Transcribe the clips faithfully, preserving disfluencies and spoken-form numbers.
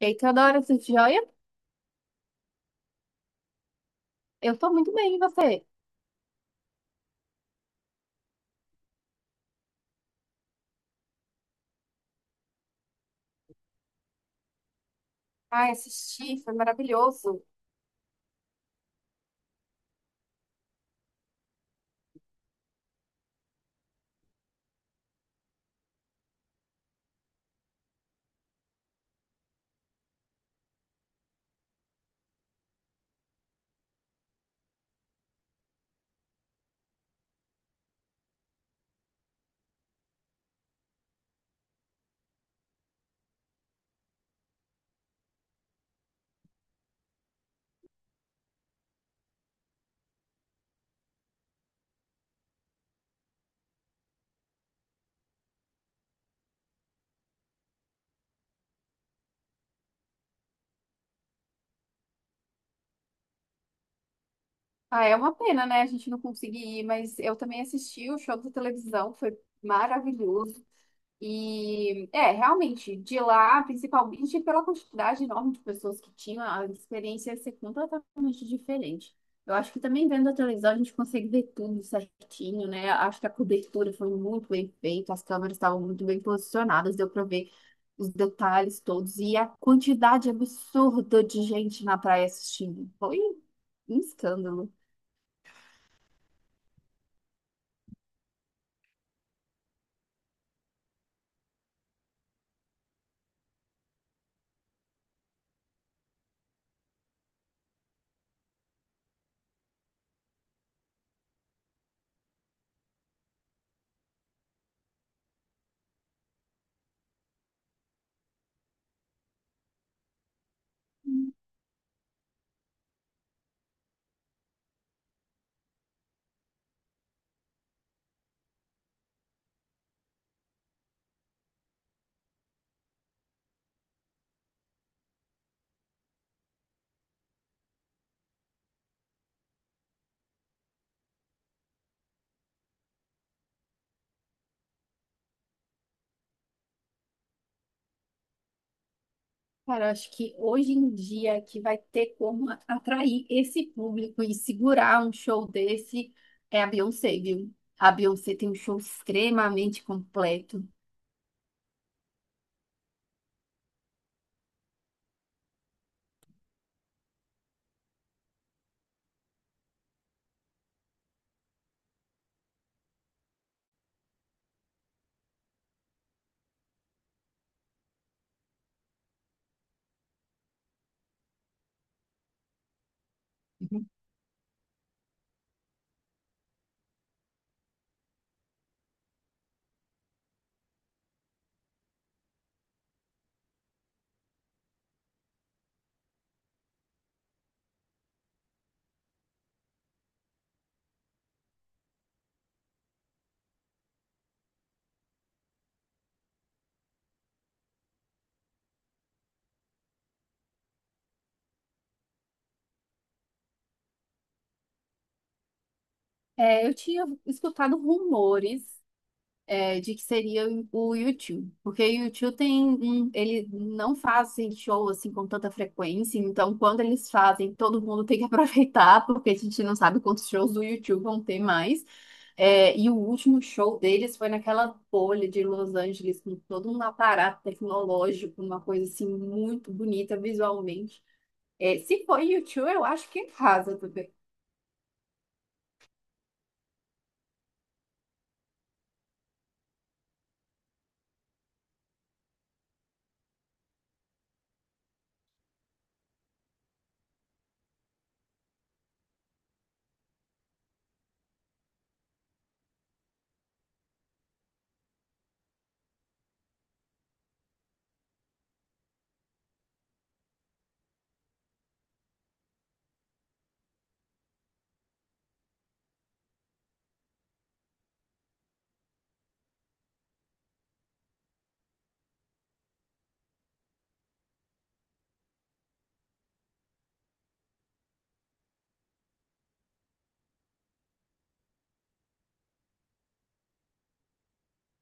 Eita, adoro esse joia. Eu tô muito bem, e você? Ai, assisti, foi maravilhoso. Ah, é uma pena, né? A gente não conseguir ir, mas eu também assisti o show da televisão, foi maravilhoso. E é, realmente, de lá, principalmente pela quantidade enorme de pessoas que tinham, a experiência ia ser completamente diferente. Eu acho que também vendo a televisão a gente consegue ver tudo certinho, né? Acho que a cobertura foi muito bem feita, as câmeras estavam muito bem posicionadas, deu para ver os detalhes todos e a quantidade absurda de gente na praia assistindo. Foi um escândalo. Cara, eu acho que hoje em dia é que vai ter como atrair esse público e segurar um show desse é a Beyoncé, viu? A Beyoncé tem um show extremamente completo. Uhum. É, eu tinha escutado rumores é, de que seria o YouTube, porque o YouTube tem um, ele não fazem show assim com tanta frequência, então quando eles fazem, todo mundo tem que aproveitar, porque a gente não sabe quantos shows do YouTube vão ter mais. É, e o último show deles foi naquela bolha de Los Angeles, com todo um aparato tecnológico, uma coisa assim muito bonita visualmente. É, se for YouTube, eu acho que em casa.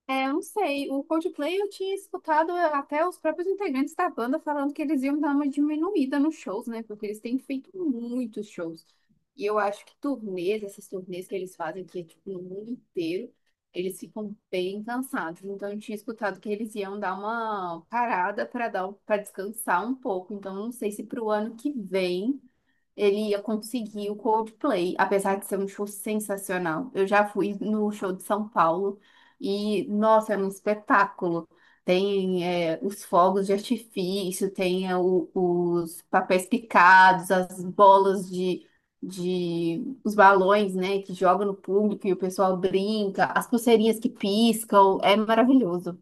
É, eu não sei. O Coldplay eu tinha escutado até os próprios integrantes da banda falando que eles iam dar uma diminuída nos shows, né? Porque eles têm feito muitos shows. E eu acho que turnês, essas turnês que eles fazem aqui, tipo, no mundo inteiro, eles ficam bem cansados. Então eu tinha escutado que eles iam dar uma parada para dar para descansar um pouco. Então eu não sei se para o ano que vem ele ia conseguir o Coldplay, apesar de ser um show sensacional. Eu já fui no show de São Paulo e, nossa, era um espetáculo. Tem é, os fogos de artifício, tem é, o- os papéis picados, as bolas, de, de... os balões, né, que jogam no público e o pessoal brinca, as pulseirinhas que piscam, é maravilhoso.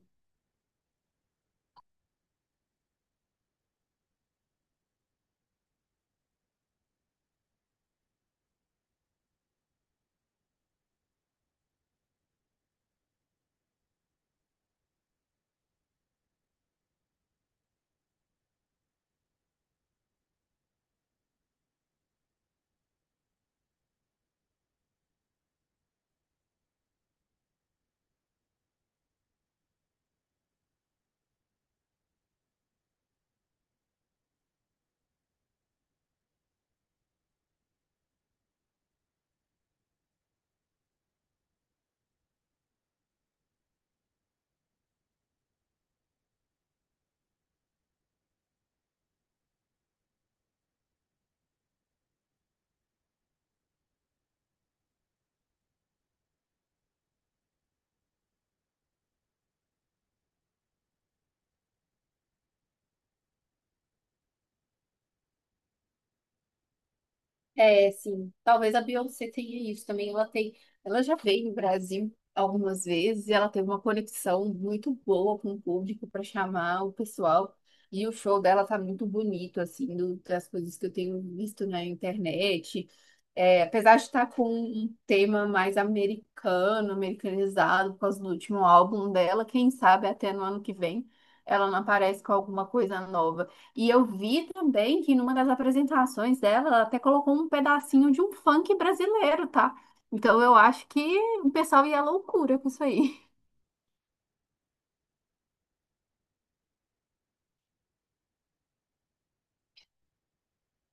É, sim. Talvez a Beyoncé tenha isso também. Ela tem, ela já veio no Brasil algumas vezes e ela teve uma conexão muito boa com o público para chamar o pessoal. E o show dela tá muito bonito, assim, do- das coisas que eu tenho visto na internet. É, apesar de estar com um tema mais americano, americanizado, por causa do último álbum dela, quem sabe até no ano que vem ela não aparece com alguma coisa nova. E eu vi também que numa das apresentações dela, ela até colocou um pedacinho de um funk brasileiro, tá? Então eu acho que o pessoal ia à loucura com isso aí.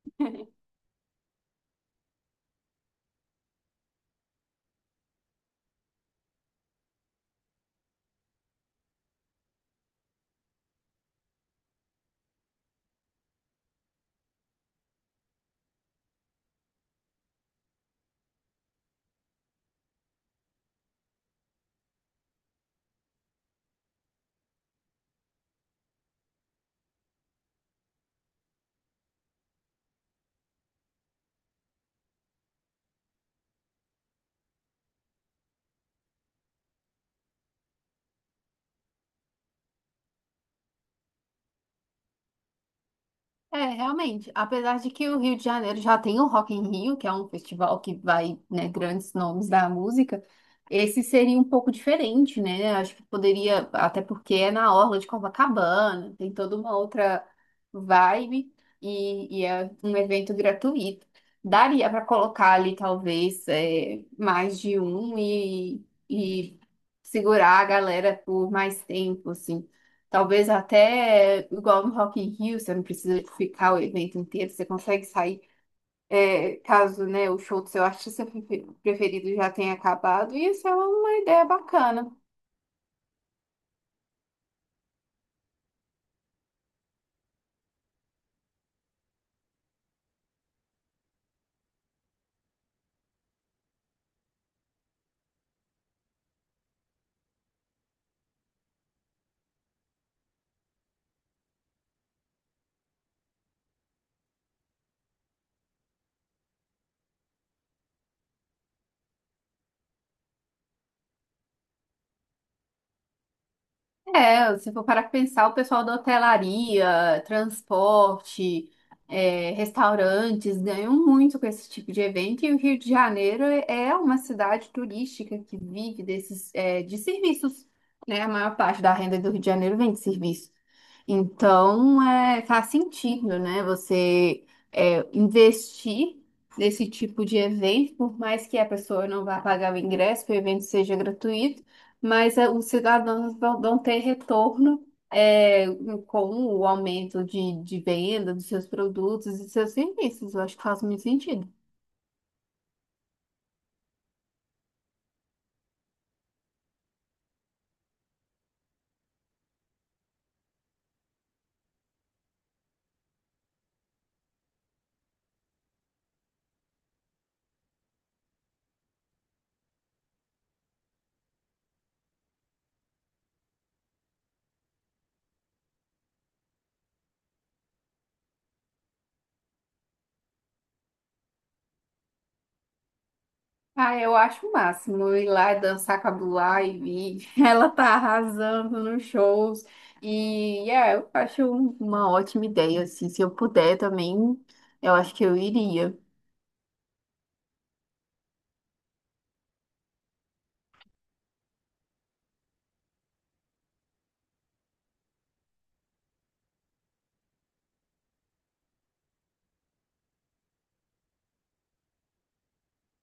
É, realmente. Apesar de que o Rio de Janeiro já tem o Rock in Rio, que é um festival que vai, né, grandes nomes da música, esse seria um pouco diferente, né? Acho que poderia, até porque é na orla de Copacabana, tem toda uma outra vibe e, e é um evento gratuito. Daria para colocar ali, talvez, é, mais de um e, e segurar a galera por mais tempo, assim. Talvez até igual no Rock in Rio, você não precisa ficar o evento inteiro, você consegue sair, é, caso, né, o show do seu artista preferido já tenha acabado, e isso é uma ideia bacana. É, se for parar pra pensar, o pessoal da hotelaria, transporte, é, restaurantes ganham muito com esse tipo de evento. E o Rio de Janeiro é uma cidade turística que vive desses, é, de serviços, né? A maior parte da renda do Rio de Janeiro vem de serviço. Então, é, faz sentido, né? Você é, investir nesse tipo de evento, por mais que a pessoa não vá pagar o ingresso, que o evento seja gratuito, mas eh, os cidadãos vão, vão, ter retorno, eh, com o aumento de, de venda dos seus produtos e seus serviços. Eu acho que faz muito sentido. Ah, eu acho o máximo eu ir lá e dançar com a Blue Ivy. Ela tá arrasando nos shows. E é, eu acho um- uma ótima ideia, assim. Se eu puder também, eu acho que eu iria.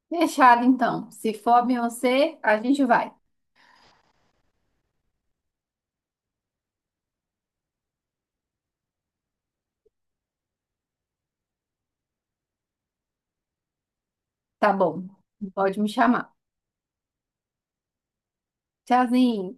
Fechado, então. Se for a Beyoncé, a gente vai. Tá bom. Pode me chamar. Tchauzinho.